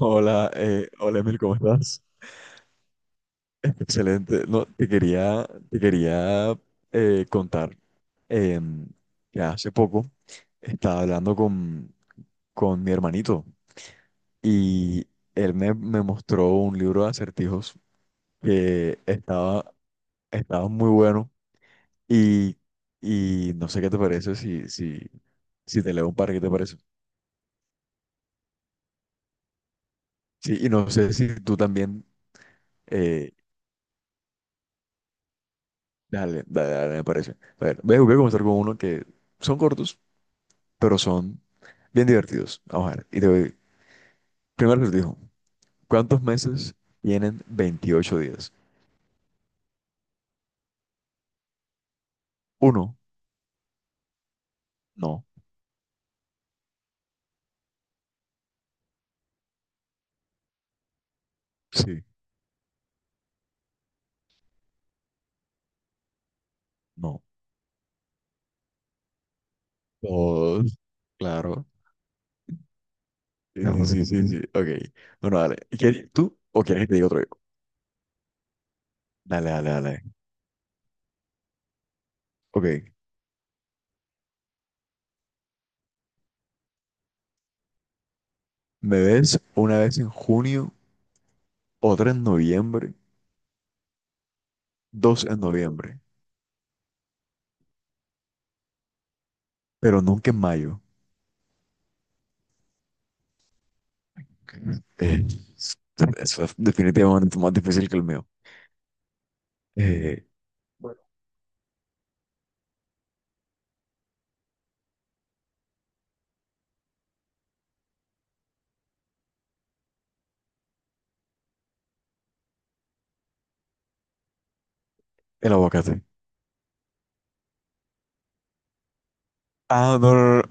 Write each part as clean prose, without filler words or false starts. Hola, hola Emil, ¿cómo estás? Excelente. No, te quería contar em, que hace poco estaba hablando con mi hermanito y él me mostró un libro de acertijos que estaba, estaba muy bueno y, y no sé qué te parece si te leo un par, ¿qué te parece? Sí, y no sé si tú también, eh, dale, dale, dale, me parece. A ver, voy a comenzar con uno que son cortos pero son bien divertidos. Vamos a ver. Y te doy. Primero les digo, ¿cuántos meses tienen 28 días? Uno, no, sí, no. Dos, claro. Sí, sí, sí, sí, sí. Ok. Bueno, dale. ¿Quieres? ¿Tú o quieres que te diga otro yo? Dale, dale, dale. Ok. Me ves una vez en junio, otra en noviembre, dos en noviembre, pero nunca en mayo. Eh, eso es definitivamente más difícil que el mío. Eh, Bueno. El aguacate. Ah, no, no, no.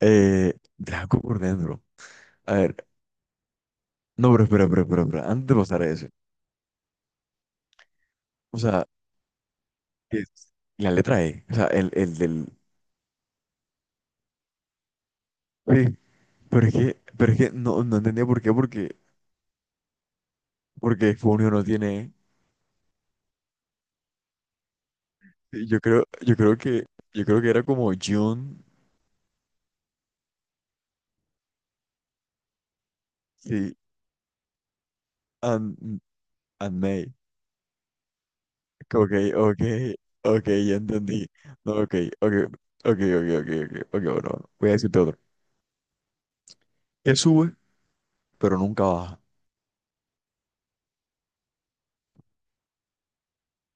Draco por dentro. A ver, no, pero espera, espera, espera, espera. Antes de pasar a eso. O sea, es la letra E. O sea, el del. Sí, pero es que no, no entendía por qué, porque Funio no tiene E. Y Yo creo, yo creo que, yo creo que era como June, sí, and, and May. Ok, ok, ok, ya entendí. No, ok, ok, ok, ok, ok, ok, ok, bueno, voy a decirte otro. Que sube, pero nunca baja.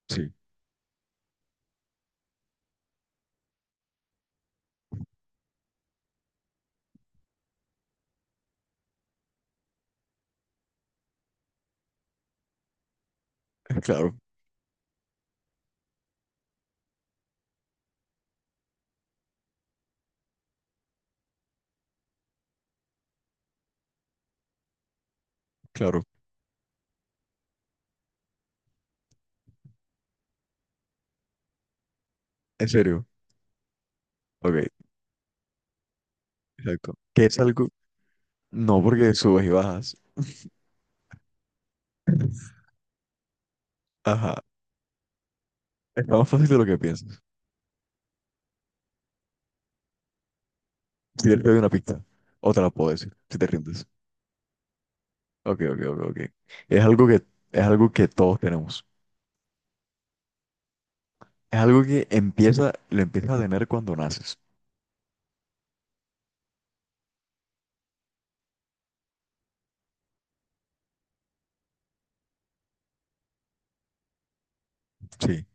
Sí, claro, claro. En serio. Ok. Exacto. Que es algo. No, porque subes y bajas. Ajá. Es más fácil de lo que piensas. Si te doy una pista, o te la puedo decir, si te rindes. Ok, ok, ok, ok. Es algo que, es algo que todos tenemos. Es algo que empieza, lo empiezas a tener cuando naces. Sí,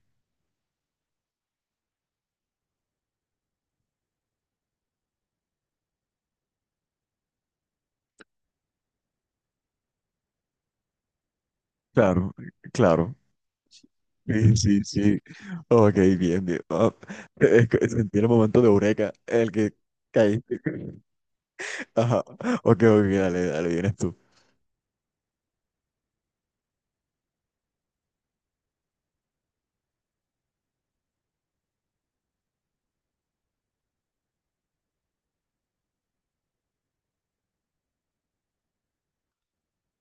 claro, claro. Sí, sí, sí. Ok, bien, bien. Ah, es que sentí el momento de eureka en el que caíste. Ajá. Ok, ok, dale, dale, vienes tú.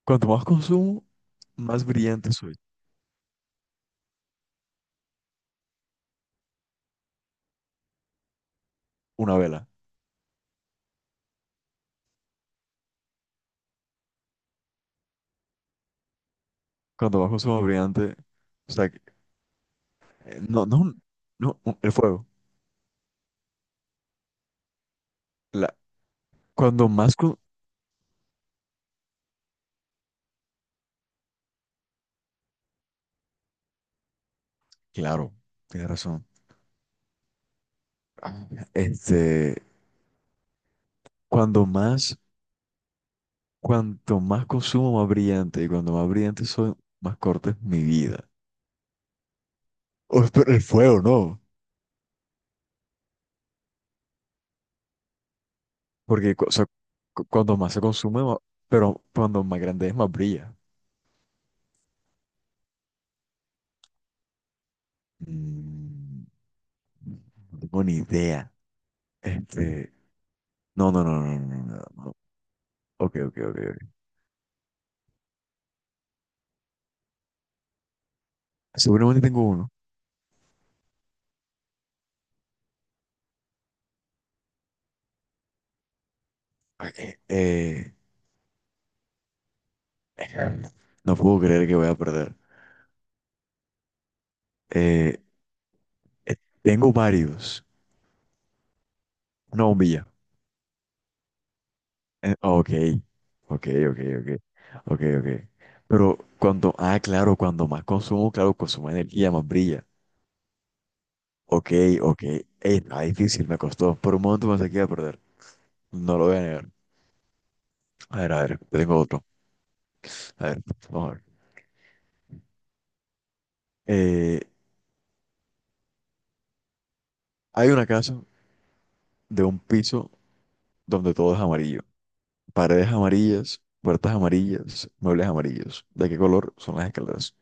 Cuanto más consumo, más brillante soy. Una vela. Cuando bajo su brillante, o sea, que, no, no, no, el fuego. La, cuando más, cu- claro, tienes razón. Ah, Este, cuando más, cuanto más consumo, más brillante, y cuando más brillante soy, más corta es mi vida. O, pero el fuego, no, porque, o sea, cuando más se consume, pero cuando más grande es, más brilla. Mm, no tengo ni idea. Este, no, no, no, no, no, no, no, no. Ok, ok, ok, ok. Seguramente tengo uno. Ah, no puedo creer que voy a perder. Eh, eh, tengo varios. Una bombilla. Ok, ok, ok, ok, ok, ok. Pero cuando, ah, claro, cuando más consumo, claro, consumo energía, más brilla. Ok, ok. Ey, está difícil, me costó. Por un momento pensé que iba a perder. No lo voy a negar. A ver, yo tengo otro. A ver, vamos a ver. Eh, hay una casa de un piso donde todo es amarillo. Paredes amarillas, puertas amarillas, muebles amarillos. ¿De qué color son las escaleras?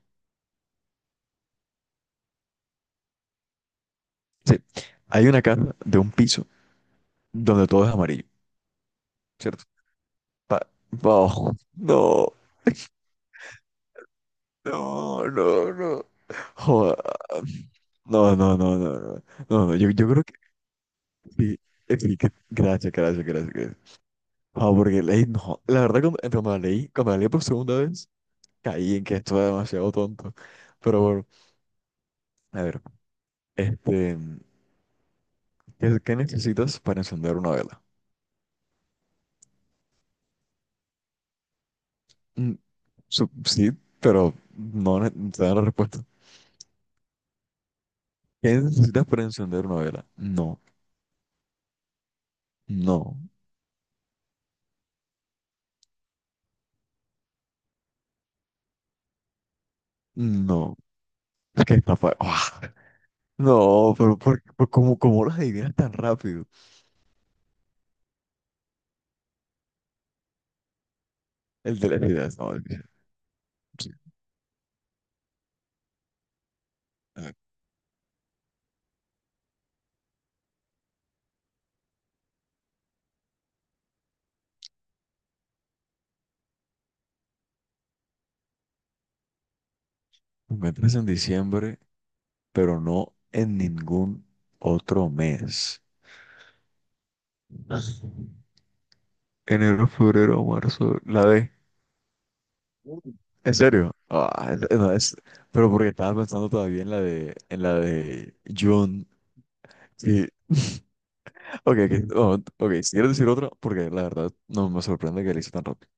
Sí, hay una casa de un piso donde todo es amarillo, ¿cierto? Pa- oh, no, no, no, no. Joda. No, no, no, no, no. No, no, no, yo creo que sí, sí, que. Gracias, gracias, gracias, gracias. Ah, porque leí, no, la verdad cuando, cuando la leí por segunda vez, caí en que esto era demasiado tonto. Pero bueno, a ver, este. ¿Qué, qué necesitas para encender una vela? Mm, sí, pero no te da la respuesta. ¿Qué necesitas para encender una vela? No, no, no. Es que ¡ah! No, pero por cómo, cómo las adivinas tan rápido? El de la vida. No, es que sí. A ver, me entras en diciembre, pero no en ningún otro mes. Enero, febrero, marzo, la D. ¿En serio? Ah, es- no, es- pero porque estaba pensando todavía en la de June. Sí. Ok, ok, no, ok, si quieres decir otra, porque la verdad no me sorprende que le hice tan rápido.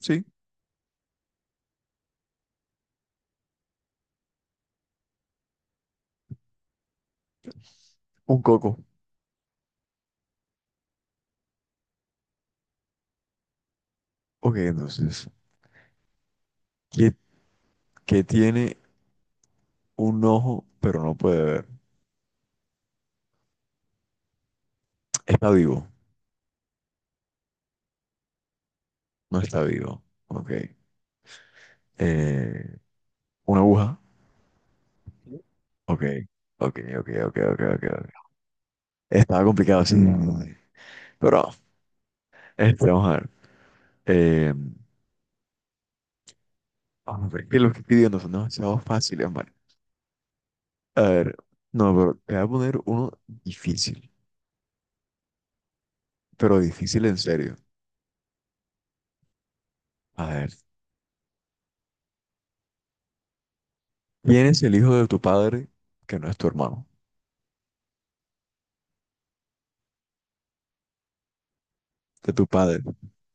Sí, un coco. Ok, entonces, ¿qué, qué tiene un ojo pero no puede ver? Está vivo, no está vivo. Ok. Eh, una aguja. Ok, ok, ok, ok, ok, ok, ok. Estaba complicado, sí. Pero, este, vamos a ver. Eh, Hombre, que los que pidió no son demasiado fáciles, man. A ver, no, pero te voy a poner uno difícil, pero difícil en serio. A ver, ¿quién es el hijo de tu padre que no es tu hermano? De tu padre.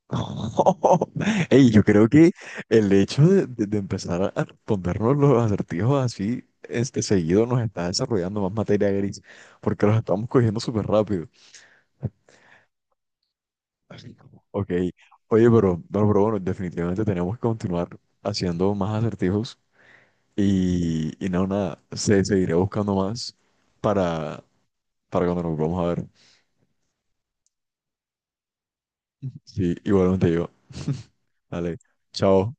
Ey, yo creo que el hecho de empezar a respondernos los acertijos así este seguido nos está desarrollando más materia gris, porque los estamos cogiendo súper rápido. Así como, ok, oye, pero bueno, definitivamente tenemos que continuar haciendo más acertijos. Y no, nada, se seguiré buscando más para, para cuando nos vamos a ver. Sí, igualmente yo. Dale, chao.